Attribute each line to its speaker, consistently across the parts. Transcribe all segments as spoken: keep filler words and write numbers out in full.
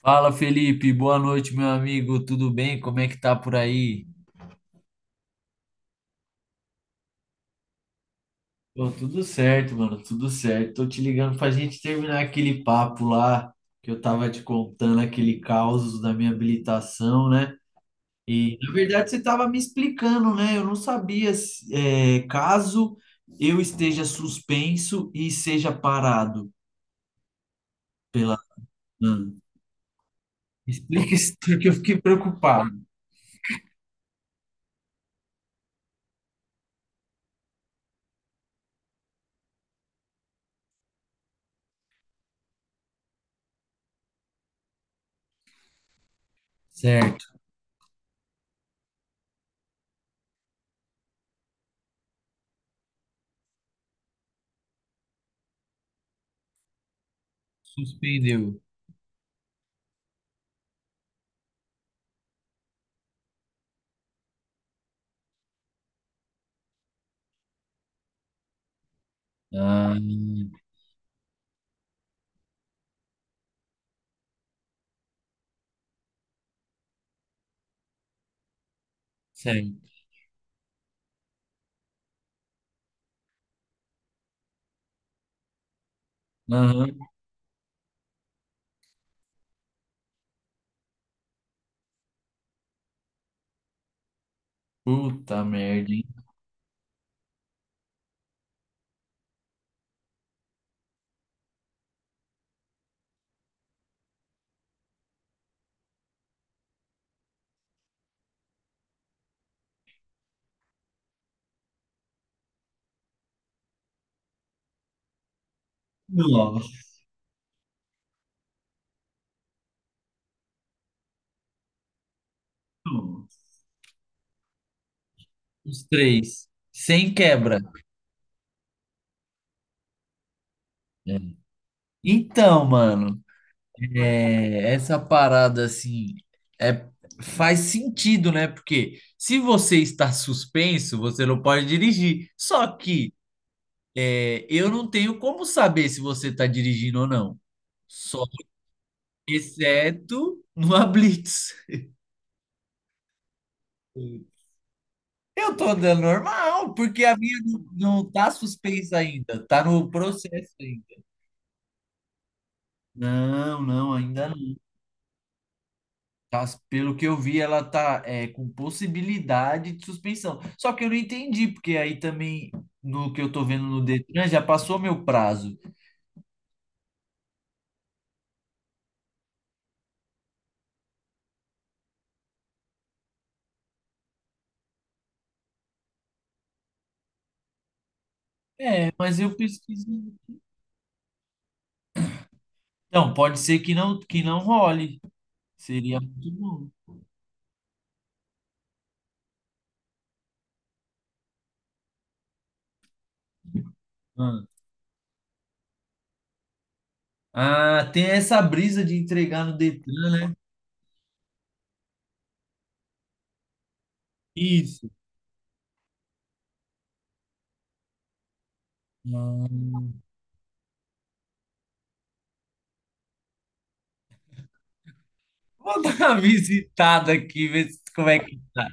Speaker 1: Fala, Felipe, boa noite, meu amigo, tudo bem? Como é que tá por aí? Pô, tudo certo, mano, tudo certo. Tô te ligando pra gente terminar aquele papo lá que eu tava te contando, aquele caos da minha habilitação, né? E na verdade você tava me explicando, né? Eu não sabia se- é, caso eu esteja suspenso e seja parado pela. Hum. Explica isso porque eu fiquei preocupado. Certo, suspendeu. Ah, certo. Aham. Puta merda, hein? Nossa, os três. Sem quebra. É. Então, mano, é, essa parada assim é, faz sentido, né? Porque se você está suspenso, você não pode dirigir. Só que é, eu não tenho como saber se você está dirigindo ou não. Só Exceto numa blitz. Eu tô andando normal, porque a minha não, não tá suspensa ainda, tá no processo ainda. Não, não, ainda não. Tá, pelo que eu vi, ela tá é, com possibilidade de suspensão. Só que eu não entendi, porque aí também, no que eu tô vendo no Detran, já passou meu prazo. É, mas eu pesquisei. Não, pode ser que não, que não role. Seria muito bom. Ah, Ah, tem essa brisa de entregar no Detran, né? Isso. Ah, vou dar uma visitada aqui, ver se- como é que tá.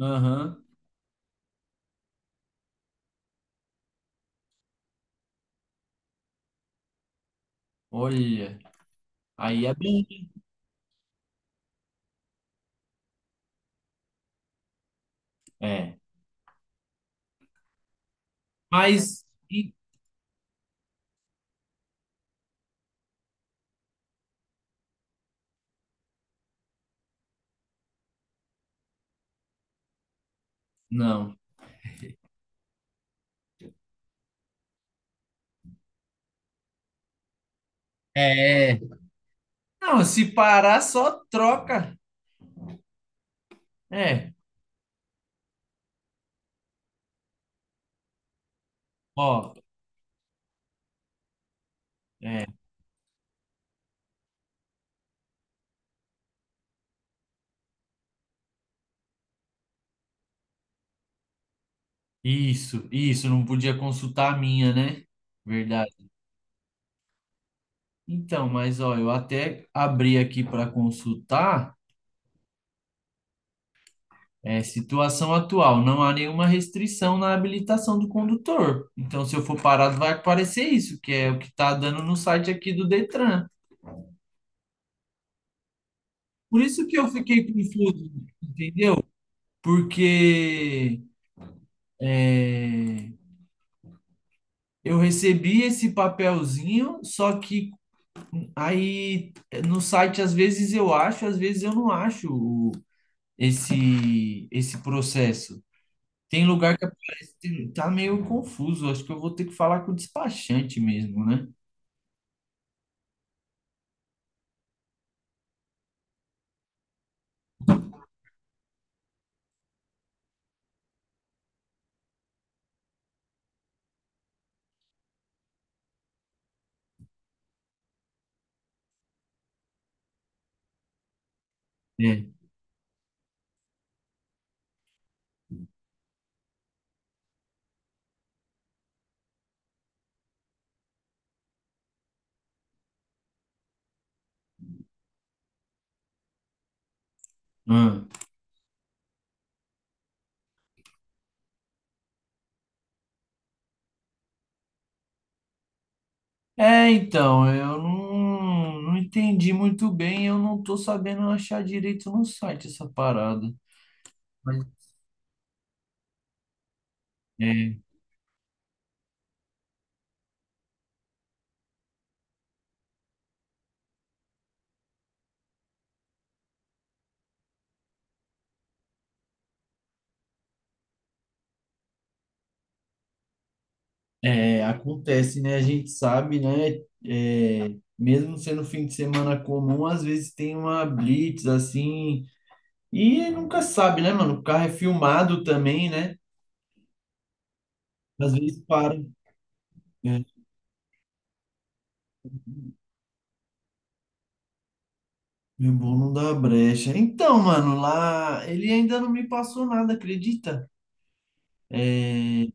Speaker 1: Aham. Olha, aí é bem. É. Mas. Não. É, Não, se parar, só troca. É, ó, é, isso, isso, não podia consultar a minha, né? Verdade. Então, mas ó, eu até abri aqui para consultar, é, situação atual, não há nenhuma restrição na habilitação do condutor. Então, se eu for parado, vai aparecer isso, que é o que está dando no site aqui do Detran. Por isso que eu fiquei confuso, entendeu? Porque é, eu recebi esse papelzinho, só que aí no site às vezes eu acho, às vezes eu não acho o- esse esse processo. Tem lugar que aparece, tem- tá meio confuso. Acho que eu vou ter que falar com o despachante mesmo, né? É. Ah. É, então, eu não, não entendi muito bem, eu não tô sabendo achar direito no site essa parada. Mas, é, É, acontece, né? A gente sabe, né? É, mesmo sendo fim de semana comum, às vezes tem uma blitz assim, e nunca sabe, né, mano? O carro é filmado também, né? Às vezes para. É, meu bom não dá brecha. Então, mano, lá ele ainda não me passou nada, acredita? É,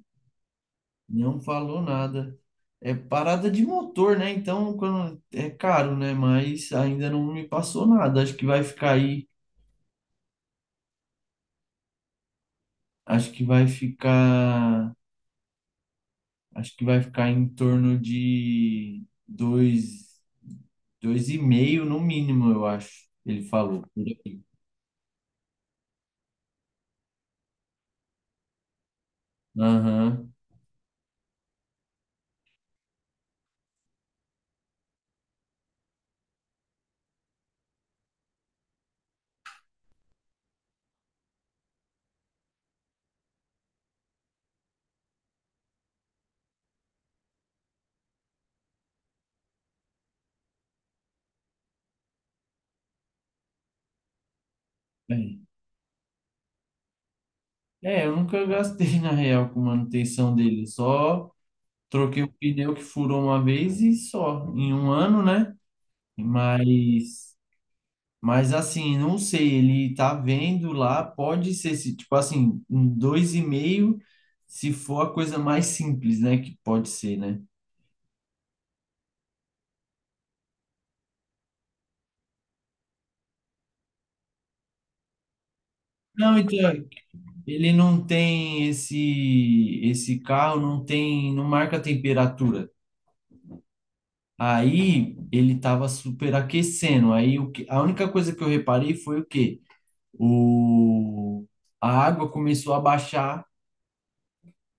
Speaker 1: não falou nada. É parada de motor, né? Então, quando é caro, né? Mas ainda não me passou nada. Acho que vai ficar aí. Acho que vai ficar. Acho que vai ficar em torno de dois, dois e meio no mínimo, eu acho. Ele falou, por aí. Aham. É, É, eu nunca gastei na real com manutenção dele. Só troquei o pneu que furou uma vez e só, em um ano, né? Mas, mas assim, não sei. Ele tá vendo lá, pode ser, se, tipo assim, um dois e meio, se for a coisa mais simples, né? Que pode ser, né? Não, então. Ele não tem esse esse carro, não tem, não marca a temperatura. Aí ele estava superaquecendo. Aí o que, a única coisa que eu reparei foi o quê? O A água começou a baixar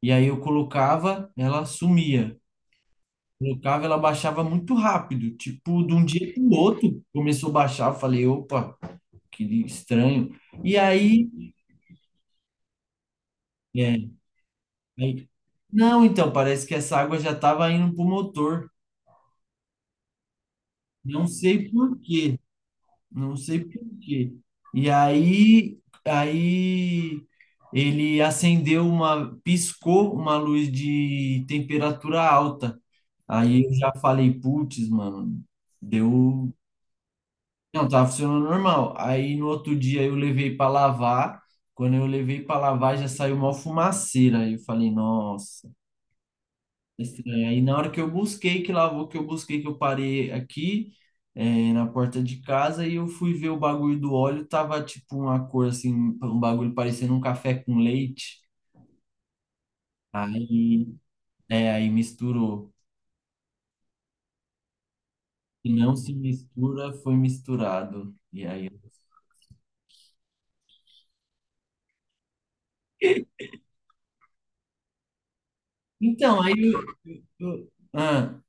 Speaker 1: e aí eu colocava, ela sumia. Colocava, ela baixava muito rápido, tipo de um dia para o outro começou a baixar. Eu falei, opa, que estranho. E aí, é, aí- não, então parece que essa água já estava indo para o motor. Não sei por quê, não sei por quê. E aí, aí ele acendeu uma, piscou uma luz de temperatura alta. Aí eu já falei, putz, mano, deu. Não, tava funcionando normal. Aí no outro dia eu levei para lavar. Quando eu levei para lavar, já saiu uma fumaceira. Aí eu falei, nossa, estranho. Aí na hora que eu busquei, que lavou, que eu busquei, que eu parei aqui, é, na porta de casa, e eu fui ver o bagulho do óleo, tava tipo uma cor assim, um bagulho parecendo um café com leite. Aí, é, aí misturou. Se não se mistura, foi misturado. E aí. Então, aí eu, eu- ah,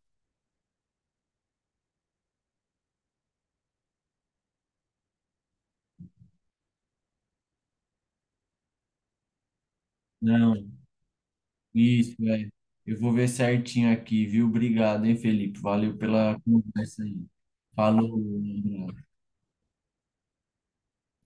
Speaker 1: não, isso, é. Eu vou ver certinho aqui, viu? Obrigado, hein, Felipe? Valeu pela conversa aí. Falou, um abraço.